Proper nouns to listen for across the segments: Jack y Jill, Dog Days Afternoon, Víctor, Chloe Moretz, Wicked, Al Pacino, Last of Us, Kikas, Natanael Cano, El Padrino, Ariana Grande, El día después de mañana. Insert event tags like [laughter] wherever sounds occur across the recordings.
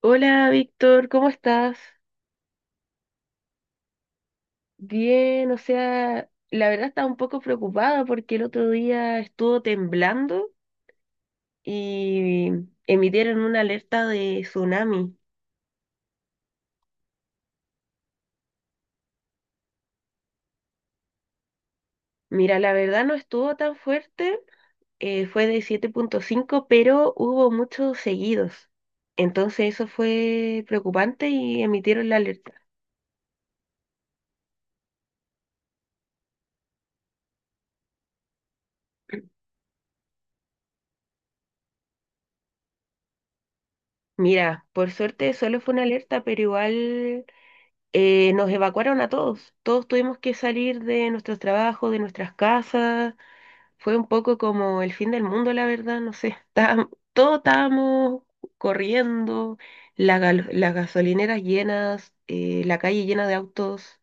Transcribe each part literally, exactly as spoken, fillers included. Hola Víctor, ¿cómo estás? Bien, o sea, la verdad estaba un poco preocupada porque el otro día estuvo temblando y emitieron una alerta de tsunami. Mira, la verdad no estuvo tan fuerte, eh, fue de siete punto cinco, pero hubo muchos seguidos. Entonces eso fue preocupante y emitieron la alerta. [clears throat] Mira, por suerte solo fue una alerta, pero igual eh, nos evacuaron a todos. Todos tuvimos que salir de nuestros trabajos, de nuestras casas. Fue un poco como el fin del mundo, la verdad, no sé. [laughs] Estábamos, todos estábamos corriendo, la gal- las gasolineras llenas, eh, la calle llena de autos.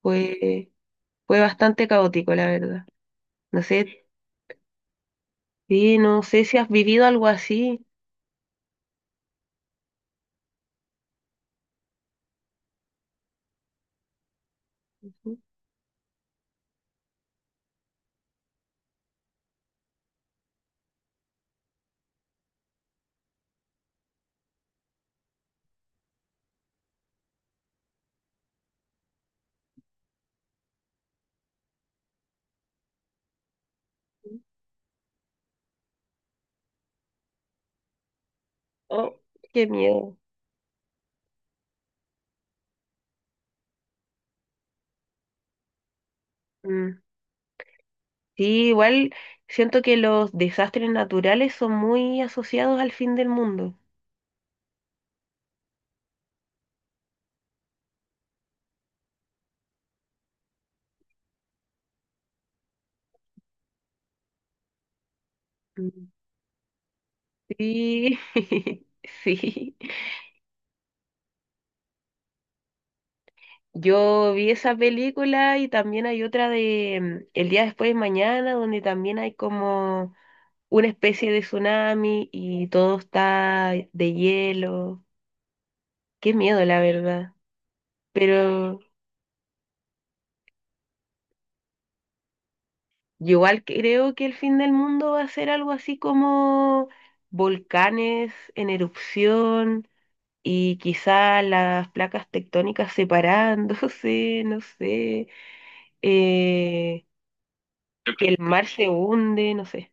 Fue, Fue bastante caótico, la verdad. No sé, sí, no sé si has vivido algo así. Ujú. Oh, qué miedo. Mm. Sí, igual siento que los desastres naturales son muy asociados al fin del mundo. Mm. Sí, [laughs] sí. Yo vi esa película y también hay otra de mm, El día después de mañana, donde también hay como una especie de tsunami y todo está de hielo. Qué miedo, la verdad. Pero yo igual creo que el fin del mundo va a ser algo así como volcanes en erupción y quizá las placas tectónicas separándose, [laughs] no sé, eh, que el mar se hunde, no sé.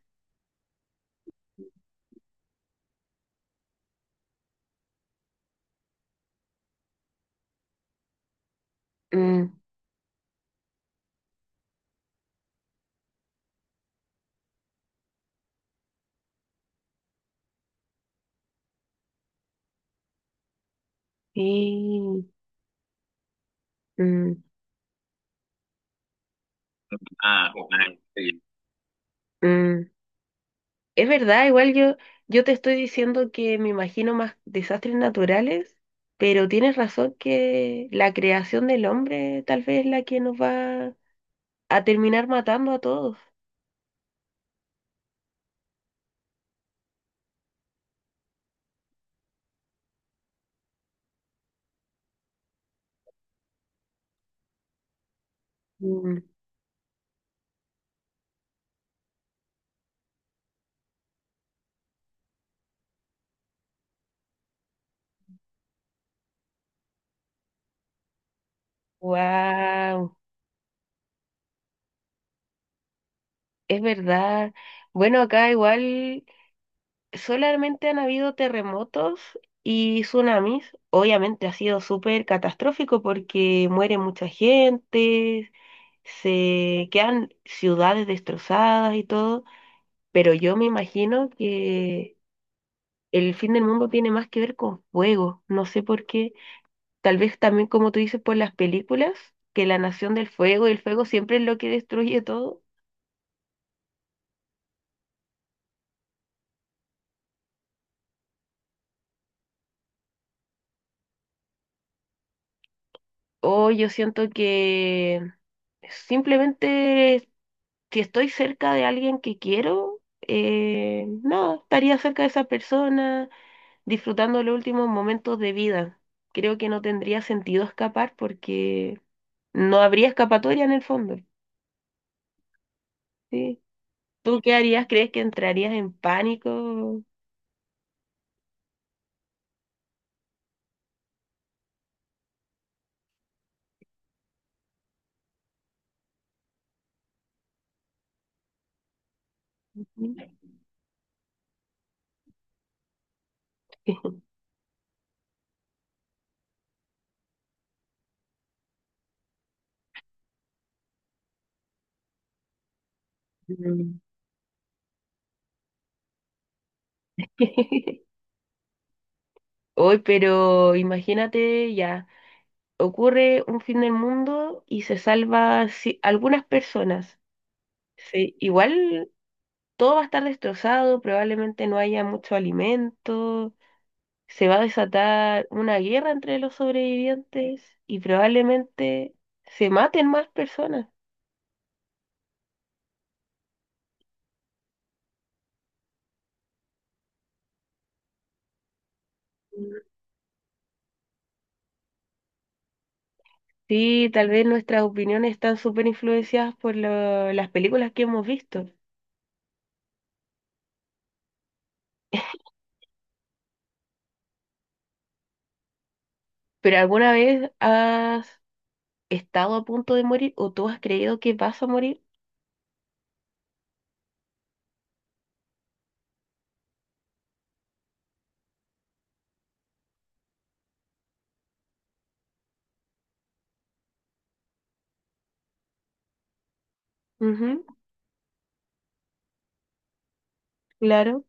Mm, sí, mm, mm. Es verdad, igual yo, yo te estoy diciendo que me imagino más desastres naturales, pero tienes razón que la creación del hombre tal vez es la que nos va a terminar matando a todos. Mm, wow, es verdad. Bueno, acá igual solamente han habido terremotos y tsunamis. Obviamente ha sido súper catastrófico porque muere mucha gente, se quedan ciudades destrozadas y todo, pero yo me imagino que el fin del mundo tiene más que ver con fuego. No sé por qué. Tal vez también, como tú dices, por las películas, que la nación del fuego y el fuego siempre es lo que destruye todo. O yo siento que simplemente si estoy cerca de alguien que quiero, eh, no, estaría cerca de esa persona disfrutando los últimos momentos de vida. Creo que no tendría sentido escapar porque no habría escapatoria en el fondo, ¿sí? ¿Tú qué harías? ¿Crees que entrarías en pánico? [laughs] Mm. [laughs] Hoy, pero imagínate ya, ocurre un fin del mundo y se salva si- algunas personas. Sí, igual todo va a estar destrozado, probablemente no haya mucho alimento, se va a desatar una guerra entre los sobrevivientes y probablemente se maten más personas. Sí, tal vez nuestras opiniones están súper influenciadas por lo- las películas que hemos visto, pero ¿alguna vez has estado a punto de morir o tú has creído que vas a morir? Ujú, claro.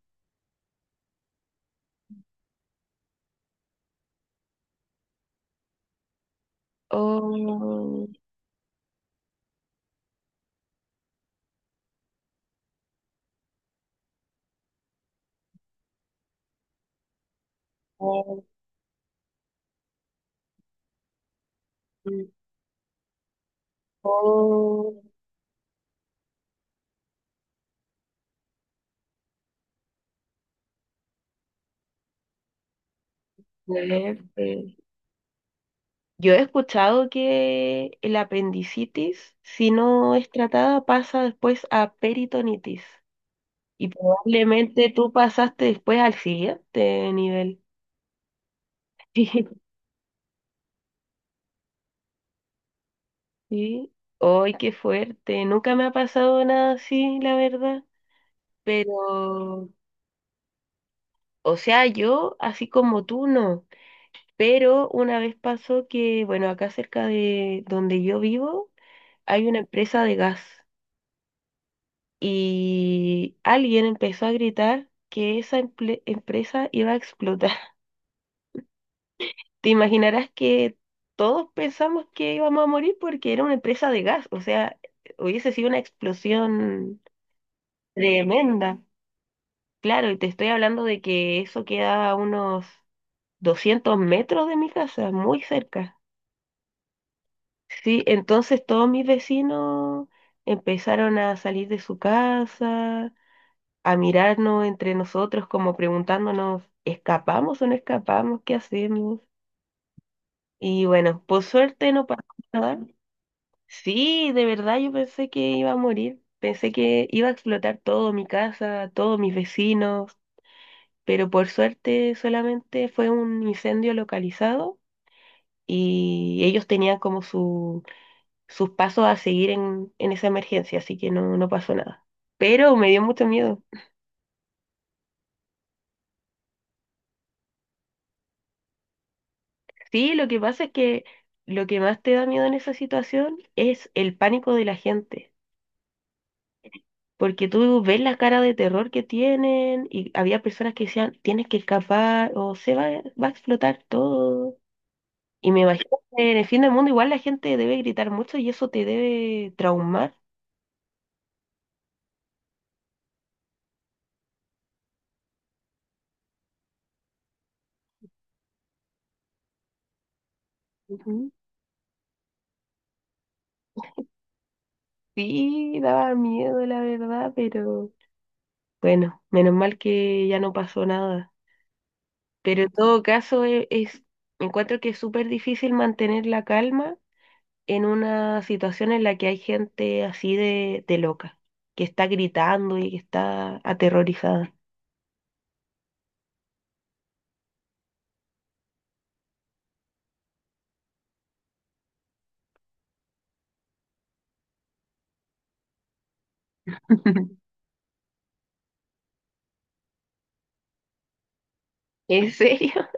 Oh, oh, oh, fuerte. Yo he escuchado que el apendicitis, si no es tratada, pasa después a peritonitis. Y probablemente tú pasaste después al siguiente nivel. [laughs] Sí, sí. ¡Ay, qué fuerte! Nunca me ha pasado nada así, la verdad. Pero, o sea, yo, así como tú, no. Pero una vez pasó que, bueno, acá cerca de donde yo vivo, hay una empresa de gas. Y alguien empezó a gritar que esa emple- empresa iba a explotar. [laughs] Te imaginarás que todos pensamos que íbamos a morir porque era una empresa de gas, o sea, hubiese sido una explosión tremenda. Claro, y te estoy hablando de que eso queda a unos doscientos metros de mi casa, muy cerca. Sí, entonces todos mis vecinos empezaron a salir de su casa a mirarnos entre nosotros como preguntándonos, ¿escapamos o no escapamos? ¿Qué hacemos? Y bueno, por suerte no pasó nada. Sí, de verdad yo pensé que iba a morir, pensé que iba a explotar todo mi casa, todos mis vecinos, pero por suerte solamente fue un incendio localizado y ellos tenían como su, sus pasos a seguir en, en esa emergencia, así que no, no pasó nada. Pero me dio mucho miedo. Sí, lo que pasa es que lo que más te da miedo en esa situación es el pánico de la gente, porque tú ves la cara de terror que tienen y había personas que decían, tienes que escapar o se va, va a explotar todo. Y me imagino que en el fin del mundo igual la gente debe gritar mucho y eso te debe traumar. Ujú. Sí, daba miedo, la verdad, pero bueno, menos mal que ya no pasó nada. Pero en todo caso, e- es, encuentro que es súper difícil mantener la calma en una situación en la que hay gente así de, de loca, que está gritando y que está aterrorizada. [laughs] ¿En serio?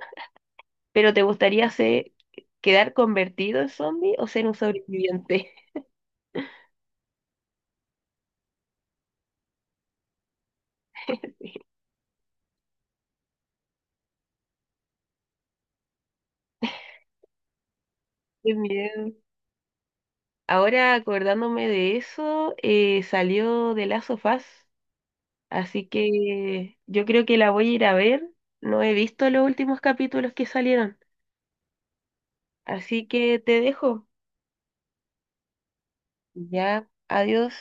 ¿Pero te gustaría ser, quedar convertido en zombie o ser un sobreviviente? [laughs] Qué miedo. Ahora acordándome de eso, eh, salió de Last of Us, así que yo creo que la voy a ir a ver. No he visto los últimos capítulos que salieron, así que te dejo. Ya, adiós.